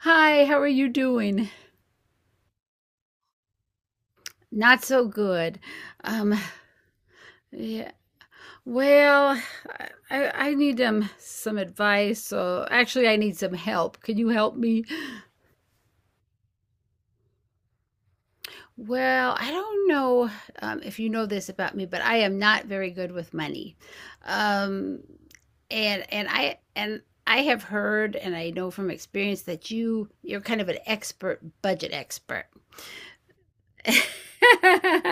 Hi, how are you doing? Not so good. Um, yeah. Well, I I need some advice. So actually, I need some help. Can you help me? Well, I don't know if you know this about me, but I am not very good with money. Um, and I have heard and I know from experience that you're kind of an expert budget expert.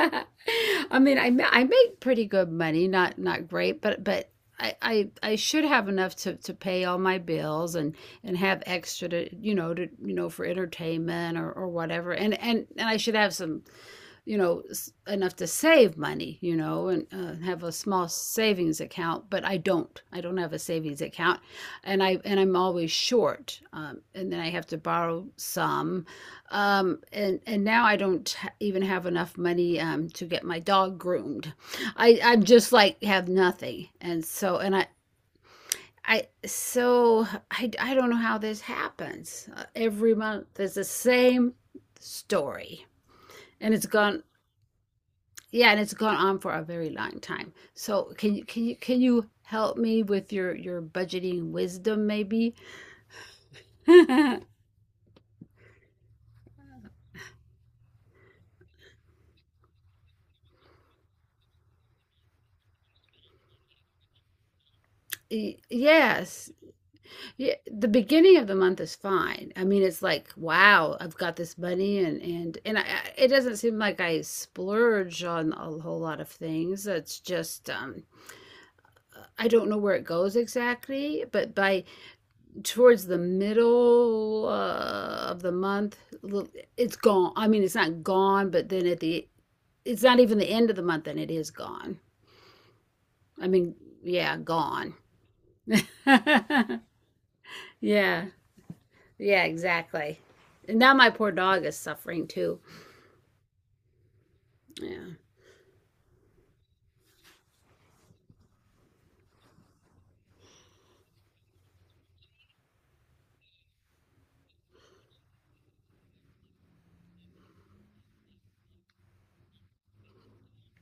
I mean, I make pretty good money, not great, but I should have enough to pay all my bills and have extra to you know for entertainment or whatever, and I should have some you know enough to save money and have a small savings account, but I don't have a savings account. And I'm always short, and then I have to borrow some. And now I don't even have enough money, to get my dog groomed. I'm just like have nothing, and so, and I, I don't know how this happens. Every month there's the same story and it's gone. Yeah, and it's gone on for a very long time. So can you help me with your budgeting wisdom maybe? Yes. Yeah, the beginning of the month is fine. I mean, it's like, wow, I've got this money, and it doesn't seem like I splurge on a whole lot of things. It's just I don't know where it goes exactly, but by towards the middle of the month, it's gone. I mean, it's not gone, but then, it's not even the end of the month, and it is gone. I mean, yeah, gone. Yeah, yeah, exactly. And now my poor dog is suffering too. Yeah.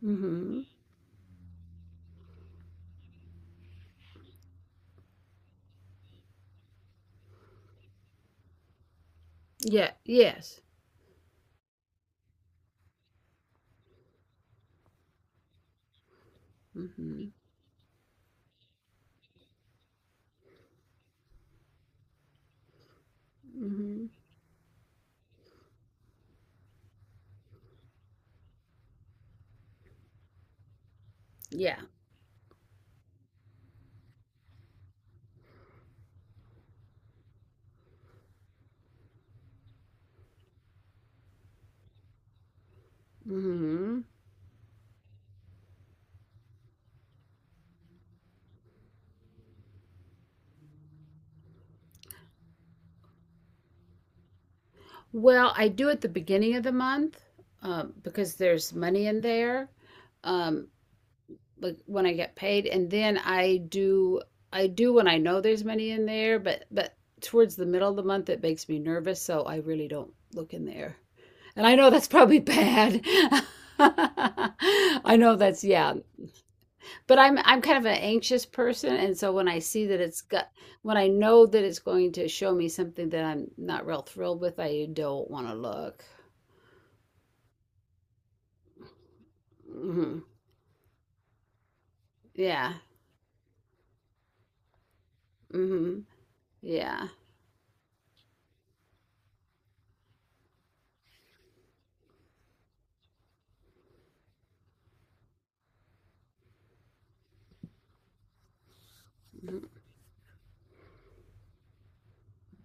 Mm-hmm. Yeah, yes. Mm-hmm. Mm-hmm. Yeah. Mm-hmm. Well, I do at the beginning of the month, because there's money in there. Um, like when I get paid, and then I do when I know there's money in there, but towards the middle of the month it makes me nervous, so I really don't look in there. And I know that's probably bad. I know that's yeah, but I'm kind of an anxious person, and so, when I know that it's going to show me something that I'm not real thrilled with, I don't want to look. Hmm. Yeah. Hmm. Yeah.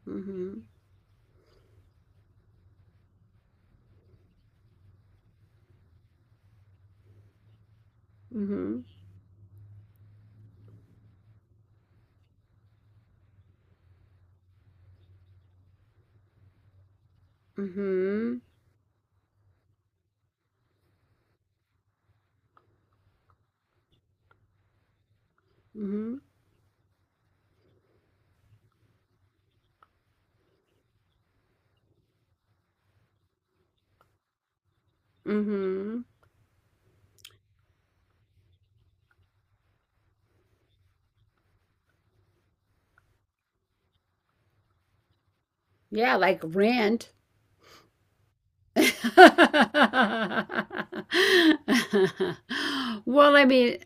Hmm. Hmm. Hmm. Mhm. Mhm. Yeah, like rent. Well, I mean,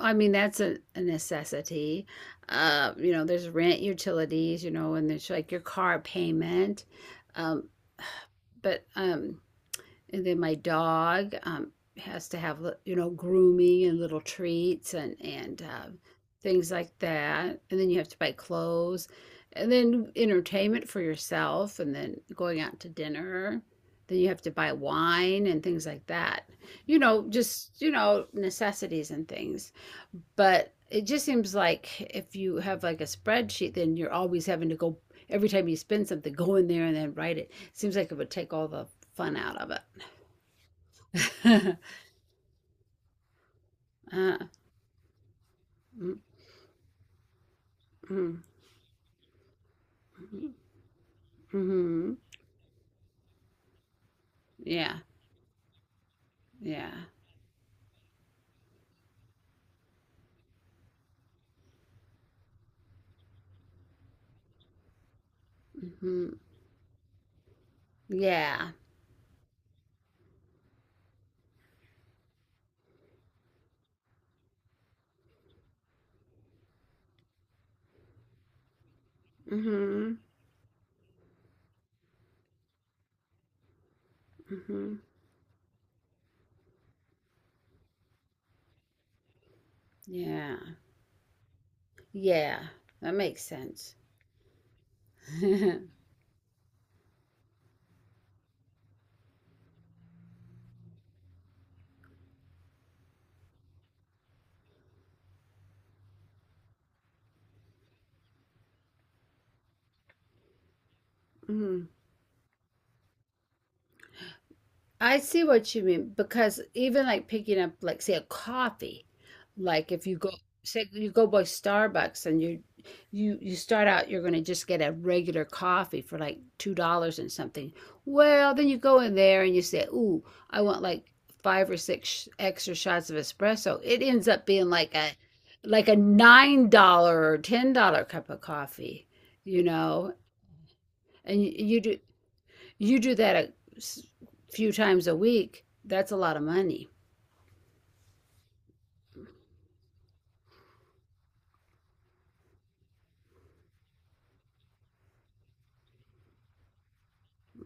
I mean that's a necessity. You know, there's rent, utilities, you know, and there's like your car payment. Um, but, and then my dog, has to have, you know, grooming and little treats and things like that. And then you have to buy clothes, and then entertainment for yourself, and then going out to dinner. Then you have to buy wine and things like that. You know, just, you know, necessities and things. But it just seems like if you have like a spreadsheet, then you're always having to go every time you spend something, go in there and then write it. It seems like it would take all the fun out of it. uh, mm, mm, mhm. Yeah, yeah. Hmm. Yeah. Hmm. Hmm. Yeah. Yeah. That makes sense. Hmm. I see what you mean because even like picking up like say a coffee, like if you go, say you go by Starbucks and you start out you're going to just get a regular coffee for like $2 and something. Well, then you go in there and you say, "Ooh, I want like five or six extra shots of espresso." It ends up being like a $9 or $10 cup of coffee, you know. And you do that a few times a week, that's a lot of money.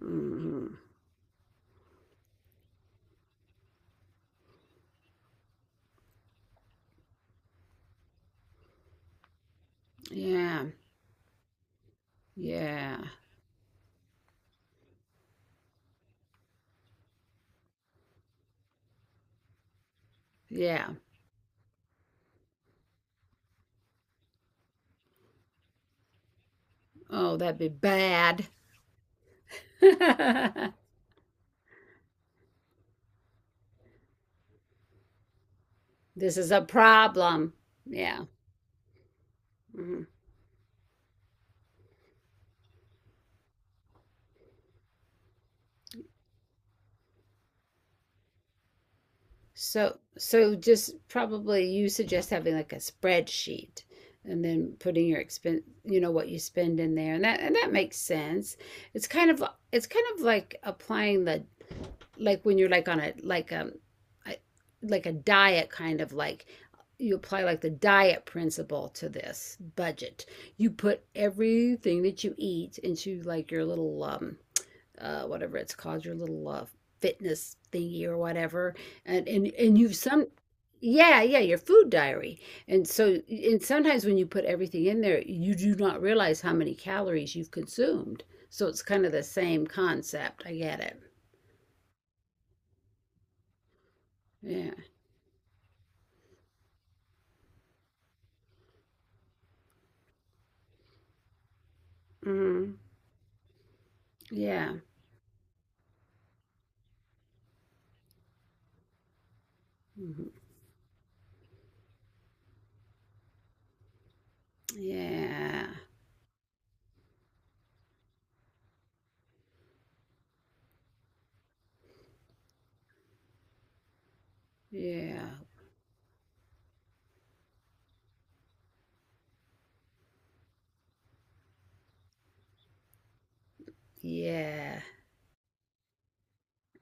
Hmm. Yeah, yeah, yeah. Oh, that'd be bad. This is a problem. Yeah. Hmm. So, just probably you suggest having like a spreadsheet and then putting your expense, what you spend in there. And that makes sense. It's kind of, it's kind of like applying the, like when you're like on a, like, I- like a diet kind of, like you apply like the diet principle to this budget. You put everything that you eat into like your little, whatever it's called, your little fitness thingy or whatever. And you've some, yeah, yeah, your food diary. And so, and sometimes when you put everything in there, you do not realize how many calories you've consumed. So it's kind of the same concept. I get it. Yeah. Hmm. Yeah. Mhm. Yeah. Yeah. Yeah.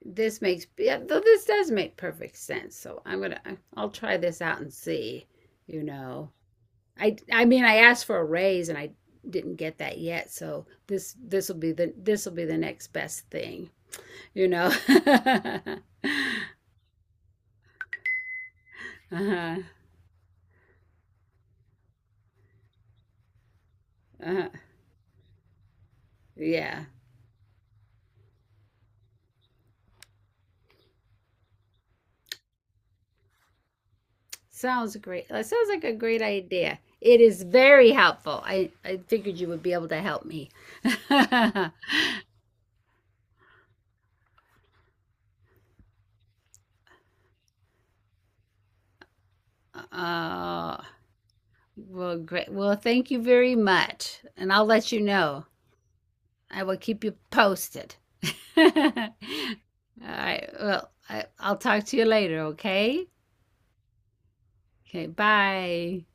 This makes Yeah, though this does make perfect sense. So, I'll try this out and see, you know. I mean I asked for a raise and I didn't get that yet, so this will be the, this will be the next best thing, you know. Uh-huh. Uh-huh. Yeah. Sounds great. That sounds like a great idea. It is very helpful. I figured you would be able to help me. Uh, well, great. Well, thank you very much. And I'll let you know. I will keep you posted. All right. Well, I'll talk to you later, okay? Okay, bye.